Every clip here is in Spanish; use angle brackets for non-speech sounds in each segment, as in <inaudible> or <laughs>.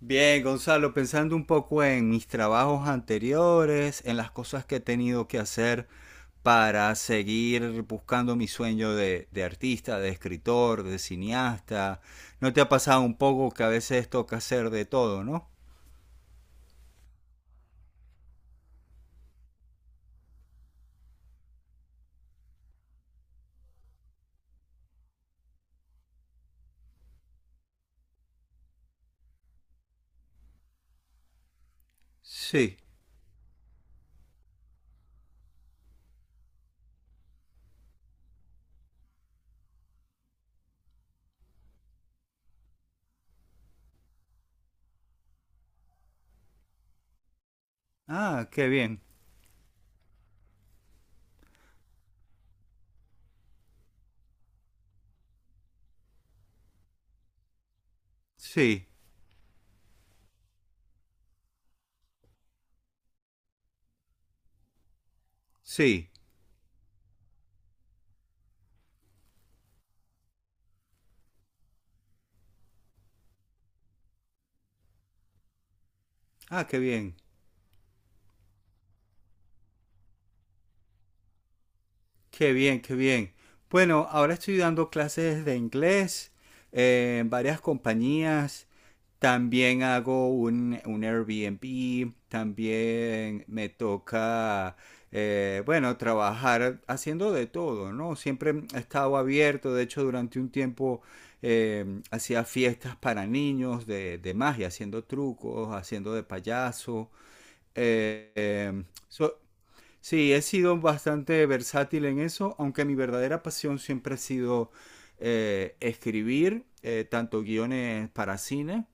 Bien, Gonzalo, pensando un poco en mis trabajos anteriores, en las cosas que he tenido que hacer para seguir buscando mi sueño de artista, de escritor, de cineasta. ¿No te ha pasado un poco que a veces toca hacer de todo, no? Sí. Ah, qué bien. Sí, sí. Ah, qué bien. Qué bien, qué bien. Bueno, ahora estoy dando clases de inglés en varias compañías. También hago un Airbnb. También me toca, bueno, trabajar haciendo de todo, ¿no? Siempre he estado abierto. De hecho, durante un tiempo hacía fiestas para niños de magia, haciendo trucos, haciendo de payaso. Eh, eh, so- Sí, he sido bastante versátil en eso, aunque mi verdadera pasión siempre ha sido escribir, tanto guiones para cine,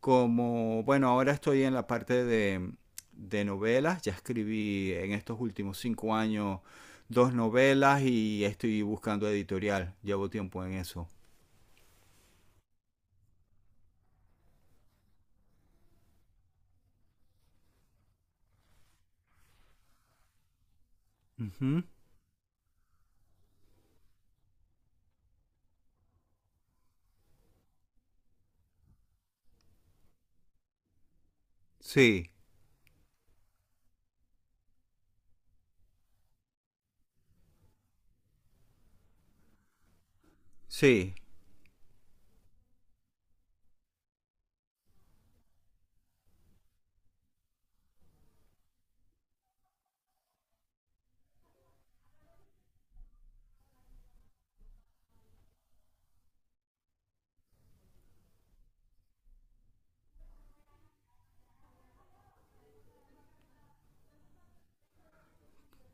como, bueno, ahora estoy en la parte de novelas, ya escribí en estos últimos cinco años dos novelas y estoy buscando editorial, llevo tiempo en eso. Ujú. Sí, sí,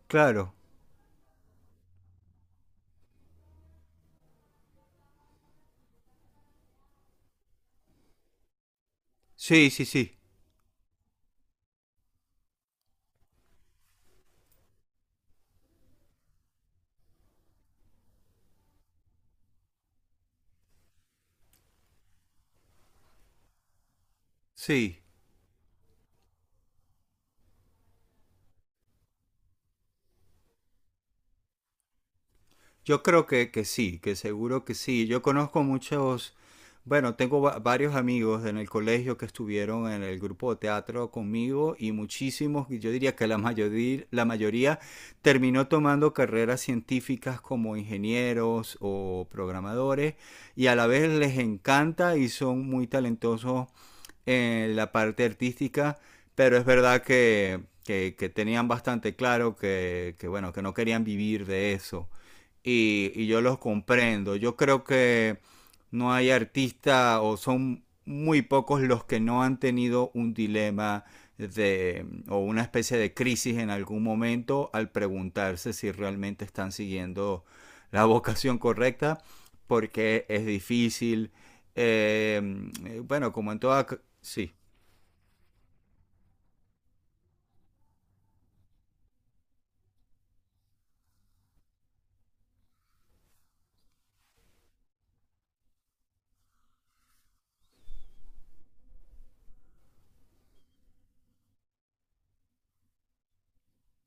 claro, sí, sí, sí, sí. Yo creo que sí, que seguro que sí. Yo conozco muchos, bueno, tengo varios amigos en el colegio que estuvieron en el grupo de teatro conmigo y muchísimos, y yo diría que la mayoría terminó tomando carreras científicas como ingenieros o programadores y a la vez les encanta y son muy talentosos en la parte artística, pero es verdad que tenían bastante claro que, bueno, que no querían vivir de eso. Y yo los comprendo. Yo creo que no hay artista o son muy pocos los que no han tenido un dilema de, o una especie de crisis en algún momento al preguntarse si realmente están siguiendo la <laughs> vocación correcta, porque es difícil, bueno, como en toda... Sí.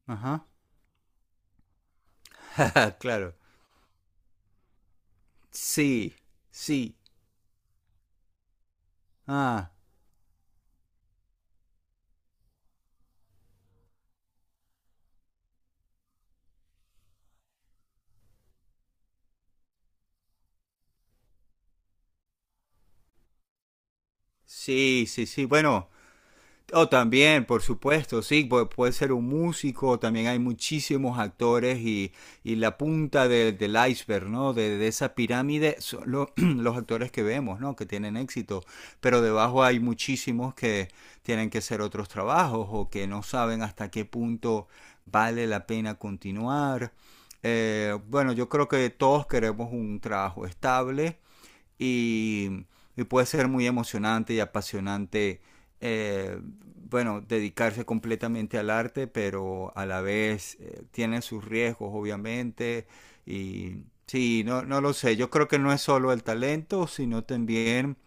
Ajá. <laughs> claro. Sí, sí, ah, sí, sí, sí. Bueno, oh, también, por supuesto, sí, puede ser un músico, también hay muchísimos actores y la punta del iceberg, ¿no? De esa pirámide son <clears throat> los actores que vemos, ¿no? Que tienen éxito, pero debajo hay muchísimos que tienen que hacer otros trabajos o que no saben hasta qué punto vale la pena continuar. Bueno, yo creo que todos queremos un trabajo estable y, y puede ser muy emocionante y apasionante, eh, bueno, dedicarse completamente al arte, pero a la vez tiene sus riesgos, obviamente, y sí, no, no lo sé, yo creo que no es solo el talento, sino también,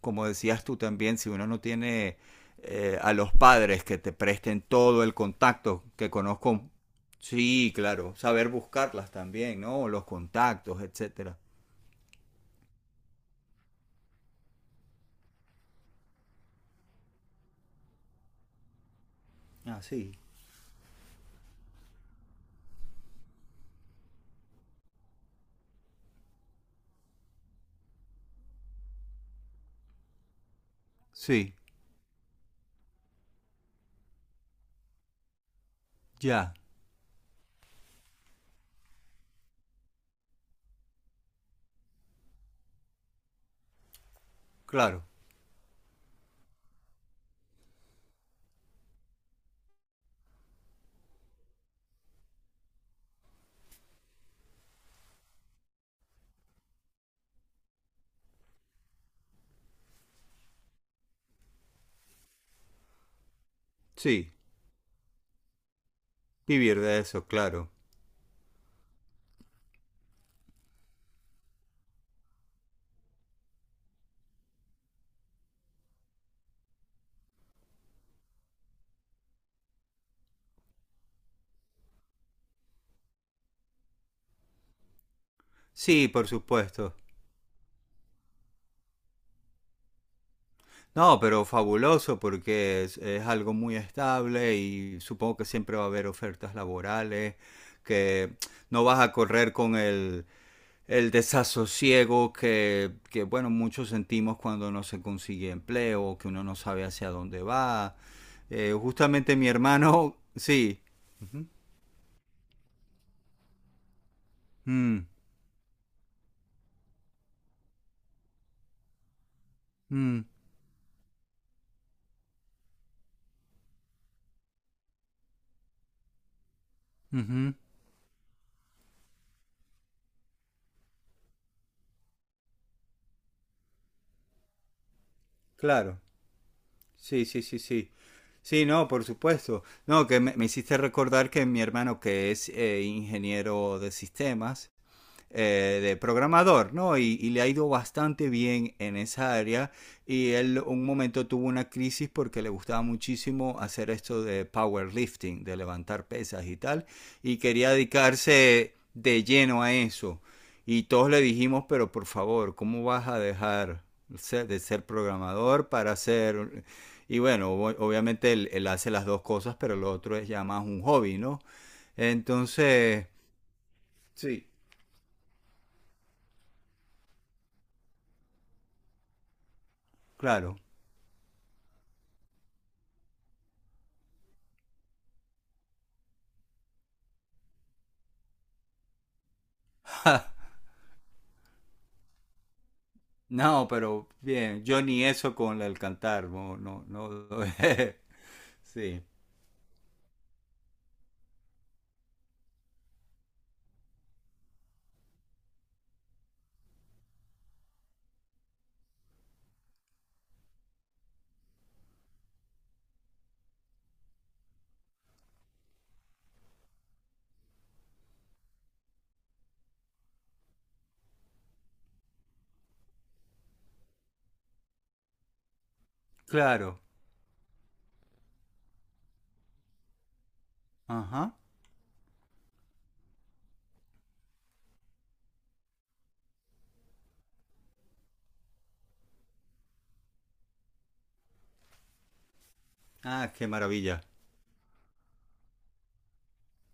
como decías tú también, si uno no tiene... a los padres que te presten todo el contacto que conozco. Sí, claro, saber buscarlas también, ¿no? Los contactos, etcétera. Ah, sí. Sí. Ya, claro. Sí, vivir de eso, claro. Sí, por supuesto. No, pero fabuloso porque es algo muy estable y supongo que siempre va a haber ofertas laborales, que no vas a correr con el desasosiego que, bueno, muchos sentimos cuando no se consigue empleo, que uno no sabe hacia dónde va. Justamente mi hermano, <laughs> sí. Ujú. Mm, mm, ujú. Claro. Sí, sí, sí, sí. Sí, no, por supuesto. No, que me hiciste recordar que mi hermano, que es ingeniero de sistemas, de programador, ¿no? Y, le ha ido bastante bien en esa área. Y él un momento tuvo una crisis porque le gustaba muchísimo hacer esto de powerlifting, de levantar pesas y tal. Y quería dedicarse de lleno a eso. Y todos le dijimos, pero por favor, ¿cómo vas a dejar de ser programador para ser... Y bueno, obviamente él hace las dos cosas, pero lo otro es ya más un hobby, ¿no? Entonces... Sí, claro. No, pero bien, yo ni eso con el cantar, no, no, no. <laughs> Sí, claro. Ajá. Ah, qué maravilla.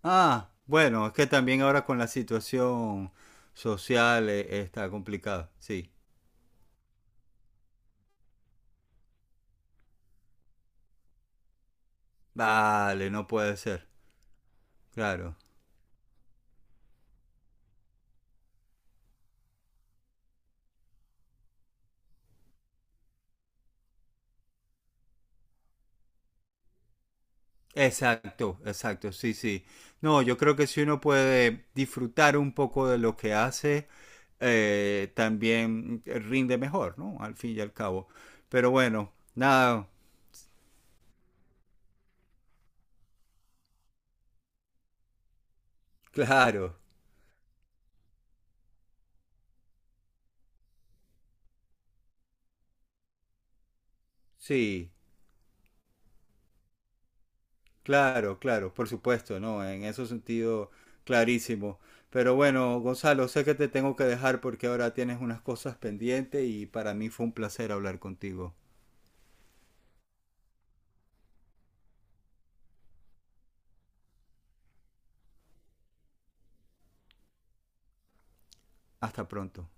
Ah, bueno, es que también ahora con la situación social está complicada, sí. Vale, no puede ser, claro. Exacto, exacto, sí, sí. No, yo creo que si uno puede disfrutar un poco de lo que hace, también rinde mejor, ¿no? Al fin y al cabo. Pero bueno, nada, claro, sí, claro, claro, por supuesto, ¿no? En ese sentido, clarísimo. Pero bueno, Gonzalo, sé que te tengo que dejar porque ahora tienes unas cosas pendientes y para mí fue un placer hablar contigo. Hasta pronto.